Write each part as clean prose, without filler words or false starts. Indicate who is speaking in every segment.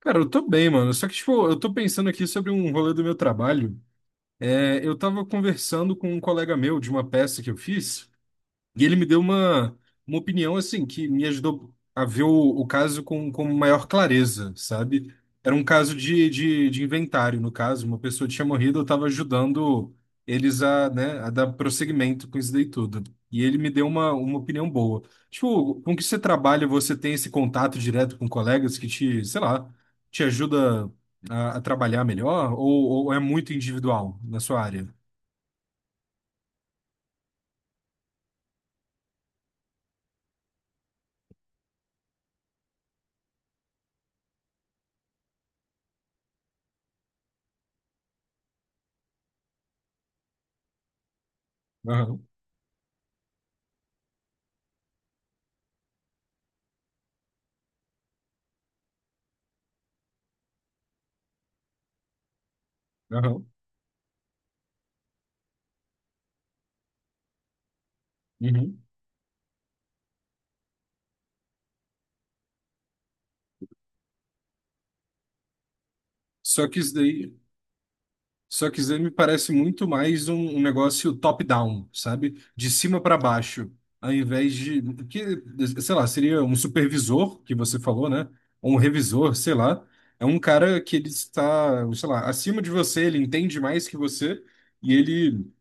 Speaker 1: Cara, eu tô bem, mano. Só que, tipo, eu tô pensando aqui sobre um rolê do meu trabalho. É, eu tava conversando com um colega meu de uma peça que eu fiz. E ele me deu uma opinião assim que me ajudou a ver o caso com maior clareza, sabe? Era um caso de inventário, no caso, uma pessoa tinha morrido, eu estava ajudando eles a, né, a dar prosseguimento com isso daí tudo. E ele me deu uma opinião boa. Tipo, com que você trabalha, você tem esse contato direto com colegas que te, sei lá, te ajuda a trabalhar melhor, ou é muito individual na sua área? Aham, aham. Uhum. Só que isso daí. Só que Zen me parece muito mais um negócio top-down, sabe? De cima para baixo, ao invés de, que, sei lá, seria um supervisor, que você falou, né? Ou um revisor, sei lá. É um cara que ele está, sei lá, acima de você, ele entende mais que você e ele,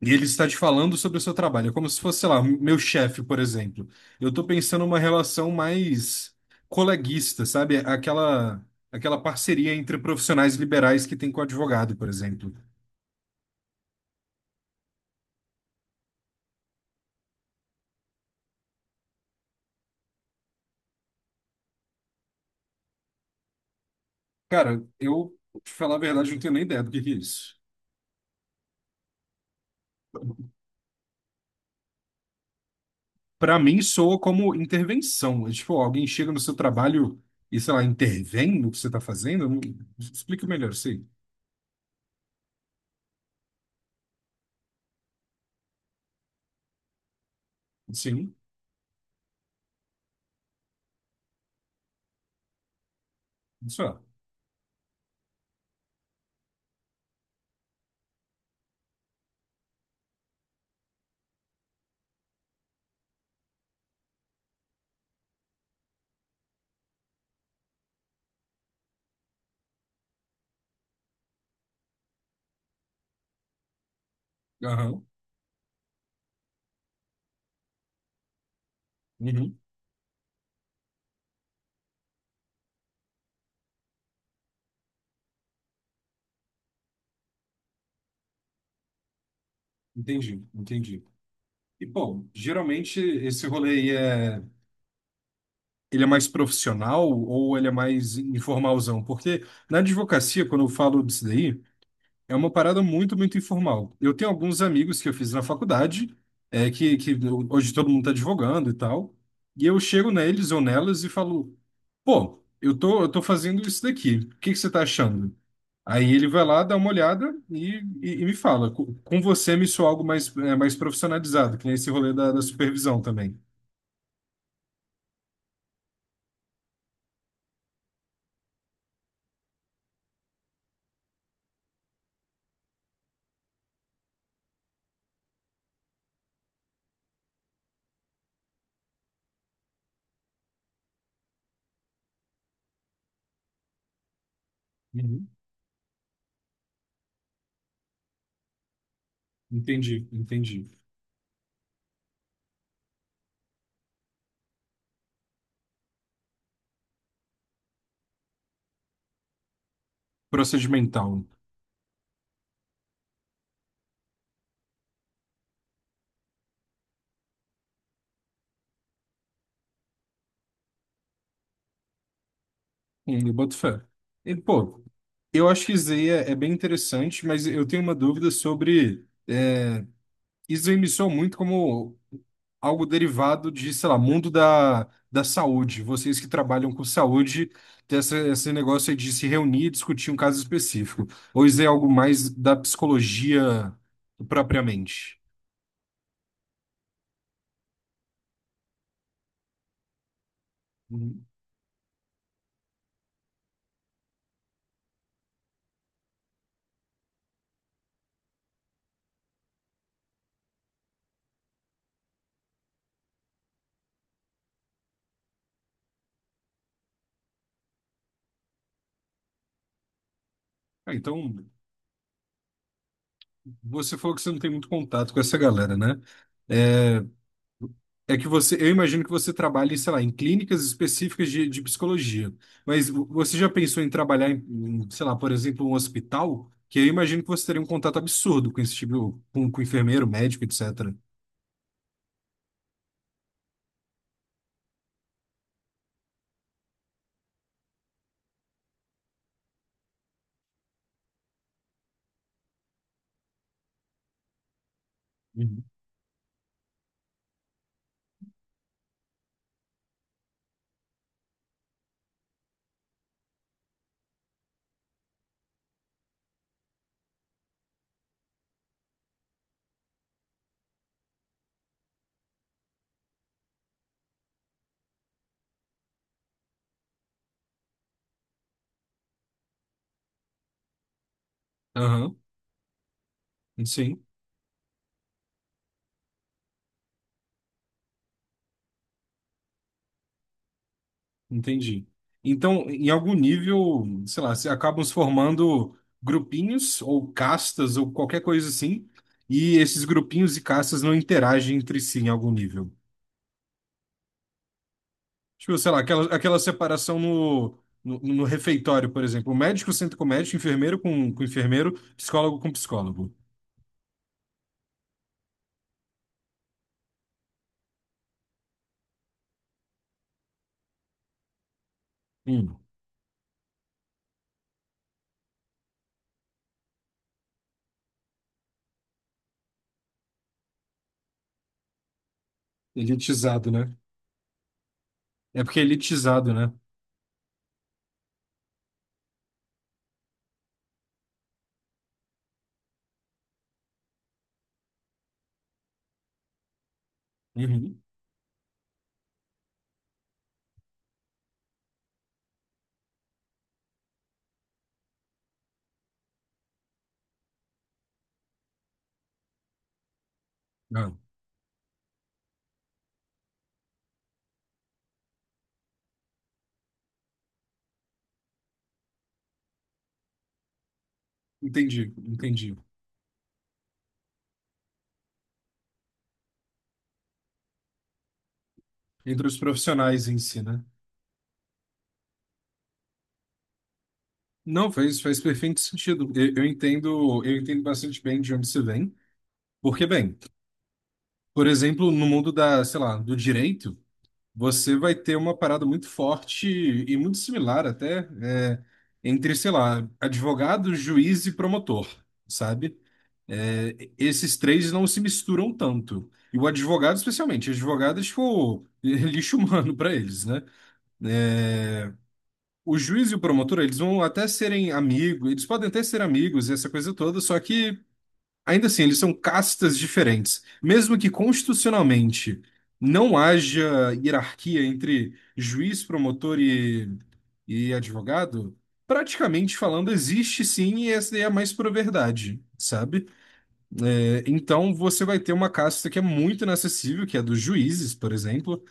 Speaker 1: e ele está te falando sobre o seu trabalho. É como se fosse, sei lá, meu chefe, por exemplo. Eu estou pensando numa relação mais coleguista, sabe? Aquela parceria entre profissionais liberais que tem com o advogado, por exemplo. Cara, eu, pra te falar a verdade, não tenho nem ideia do que é isso. Pra mim, soa como intervenção. É tipo, alguém chega no seu trabalho e, sei lá, intervém no que você tá fazendo? Explica melhor, sim. Sim, isso é. Aham. Uhum. Entendi, entendi. E, bom, geralmente esse rolê aí é, ele é mais profissional ou ele é mais informalzão? Porque na advocacia, quando eu falo disso daí, é uma parada muito, muito informal. Eu tenho alguns amigos que eu fiz na faculdade, é, que hoje todo mundo está advogando e tal, e eu chego neles ou nelas e falo, pô, eu tô fazendo isso daqui, o que que você tá achando? Aí ele vai lá, dá uma olhada e me fala. Com você me soa algo mais, é, mais profissionalizado, que nem esse rolê da supervisão também. Uhum. Entendi, entendi. Procedimental. Eu boto fé. E, pô, eu acho que isso é, é bem interessante, mas eu tenho uma dúvida sobre é, isso me soa muito como algo derivado de, sei lá, mundo da saúde. Vocês que trabalham com saúde, tem essa, esse negócio aí de se reunir e discutir um caso específico. Ou isso é algo mais da psicologia propriamente? Uhum. Ah, então, você falou que você não tem muito contato com essa galera, né? É, é que você, eu imagino que você trabalhe, sei lá, em clínicas específicas de psicologia. Mas você já pensou em trabalhar em, em, sei lá, por exemplo, um hospital? Que eu imagino que você teria um contato absurdo com esse tipo, com enfermeiro, médico, etc. Uhum. Aham, sim. Entendi. Então, em algum nível, sei lá, se acabam se formando grupinhos ou castas ou qualquer coisa assim, e esses grupinhos e castas não interagem entre si em algum nível. Tipo, sei lá, aquela, aquela separação no refeitório, por exemplo, médico senta com médico, enfermeiro com enfermeiro, psicólogo com psicólogo. Hum, elitizado, né? É porque é elitizado, né? Uhum. Ah, entendi, entendi. Entre os profissionais em si, né? Não, faz, faz perfeito sentido. Eu entendo bastante bem de onde você vem, porque, bem, por exemplo, no mundo da, sei lá, do direito, você vai ter uma parada muito forte e muito similar até, é, entre, sei lá, advogado, juiz e promotor, sabe? É, esses três não se misturam tanto. E o advogado, especialmente, advogado é tipo lixo humano para eles, né? É, o juiz e o promotor, eles vão até serem amigos, eles podem até ser amigos e essa coisa toda, só que ainda assim, eles são castas diferentes. Mesmo que constitucionalmente não haja hierarquia entre juiz, promotor e advogado, praticamente falando, existe sim, e essa daí é a mais pura verdade, sabe? É, então você vai ter uma casta que é muito inacessível, que é dos juízes, por exemplo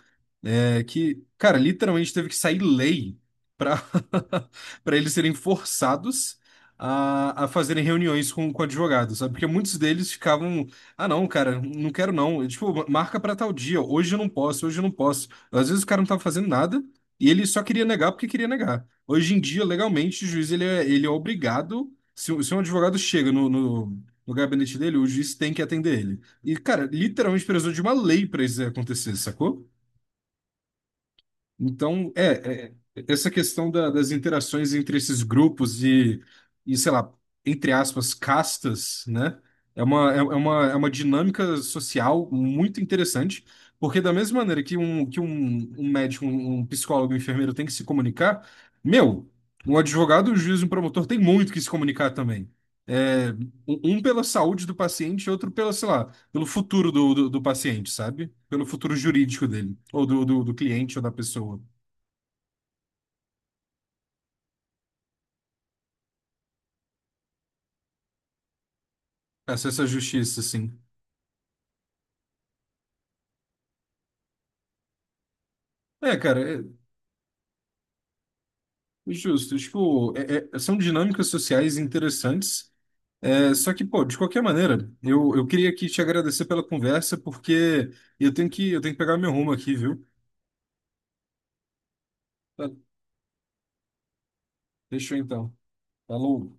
Speaker 1: é, que, cara, literalmente teve que sair lei para para eles serem forçados a fazerem reuniões com advogados, sabe? Porque muitos deles ficavam, ah, não, cara, não quero não. E, tipo, marca para tal dia, hoje eu não posso, hoje eu não posso. Às vezes o cara não tava fazendo nada e ele só queria negar porque queria negar. Hoje em dia, legalmente, o juiz ele é obrigado, se, se um advogado chega no gabinete dele, o juiz tem que atender ele. E, cara, literalmente precisou de uma lei para isso acontecer, sacou? Então, é, essa questão das interações entre esses grupos e, sei lá, entre aspas, castas, né? É uma dinâmica social muito interessante, porque da mesma maneira que um médico, um psicólogo, um enfermeiro tem que se comunicar, meu, um advogado, um juiz, um promotor tem muito que se comunicar também. É, um pela saúde do paciente, outro pela, sei lá, pelo futuro do paciente, sabe? Pelo futuro jurídico dele, ou do cliente ou da pessoa. Acesso à justiça, assim. É, cara, é justo. Tipo, são dinâmicas sociais interessantes. É, só que, pô, de qualquer maneira, eu queria aqui te agradecer pela conversa, porque eu tenho que pegar meu rumo aqui, viu? Tá, fechou então. Falou.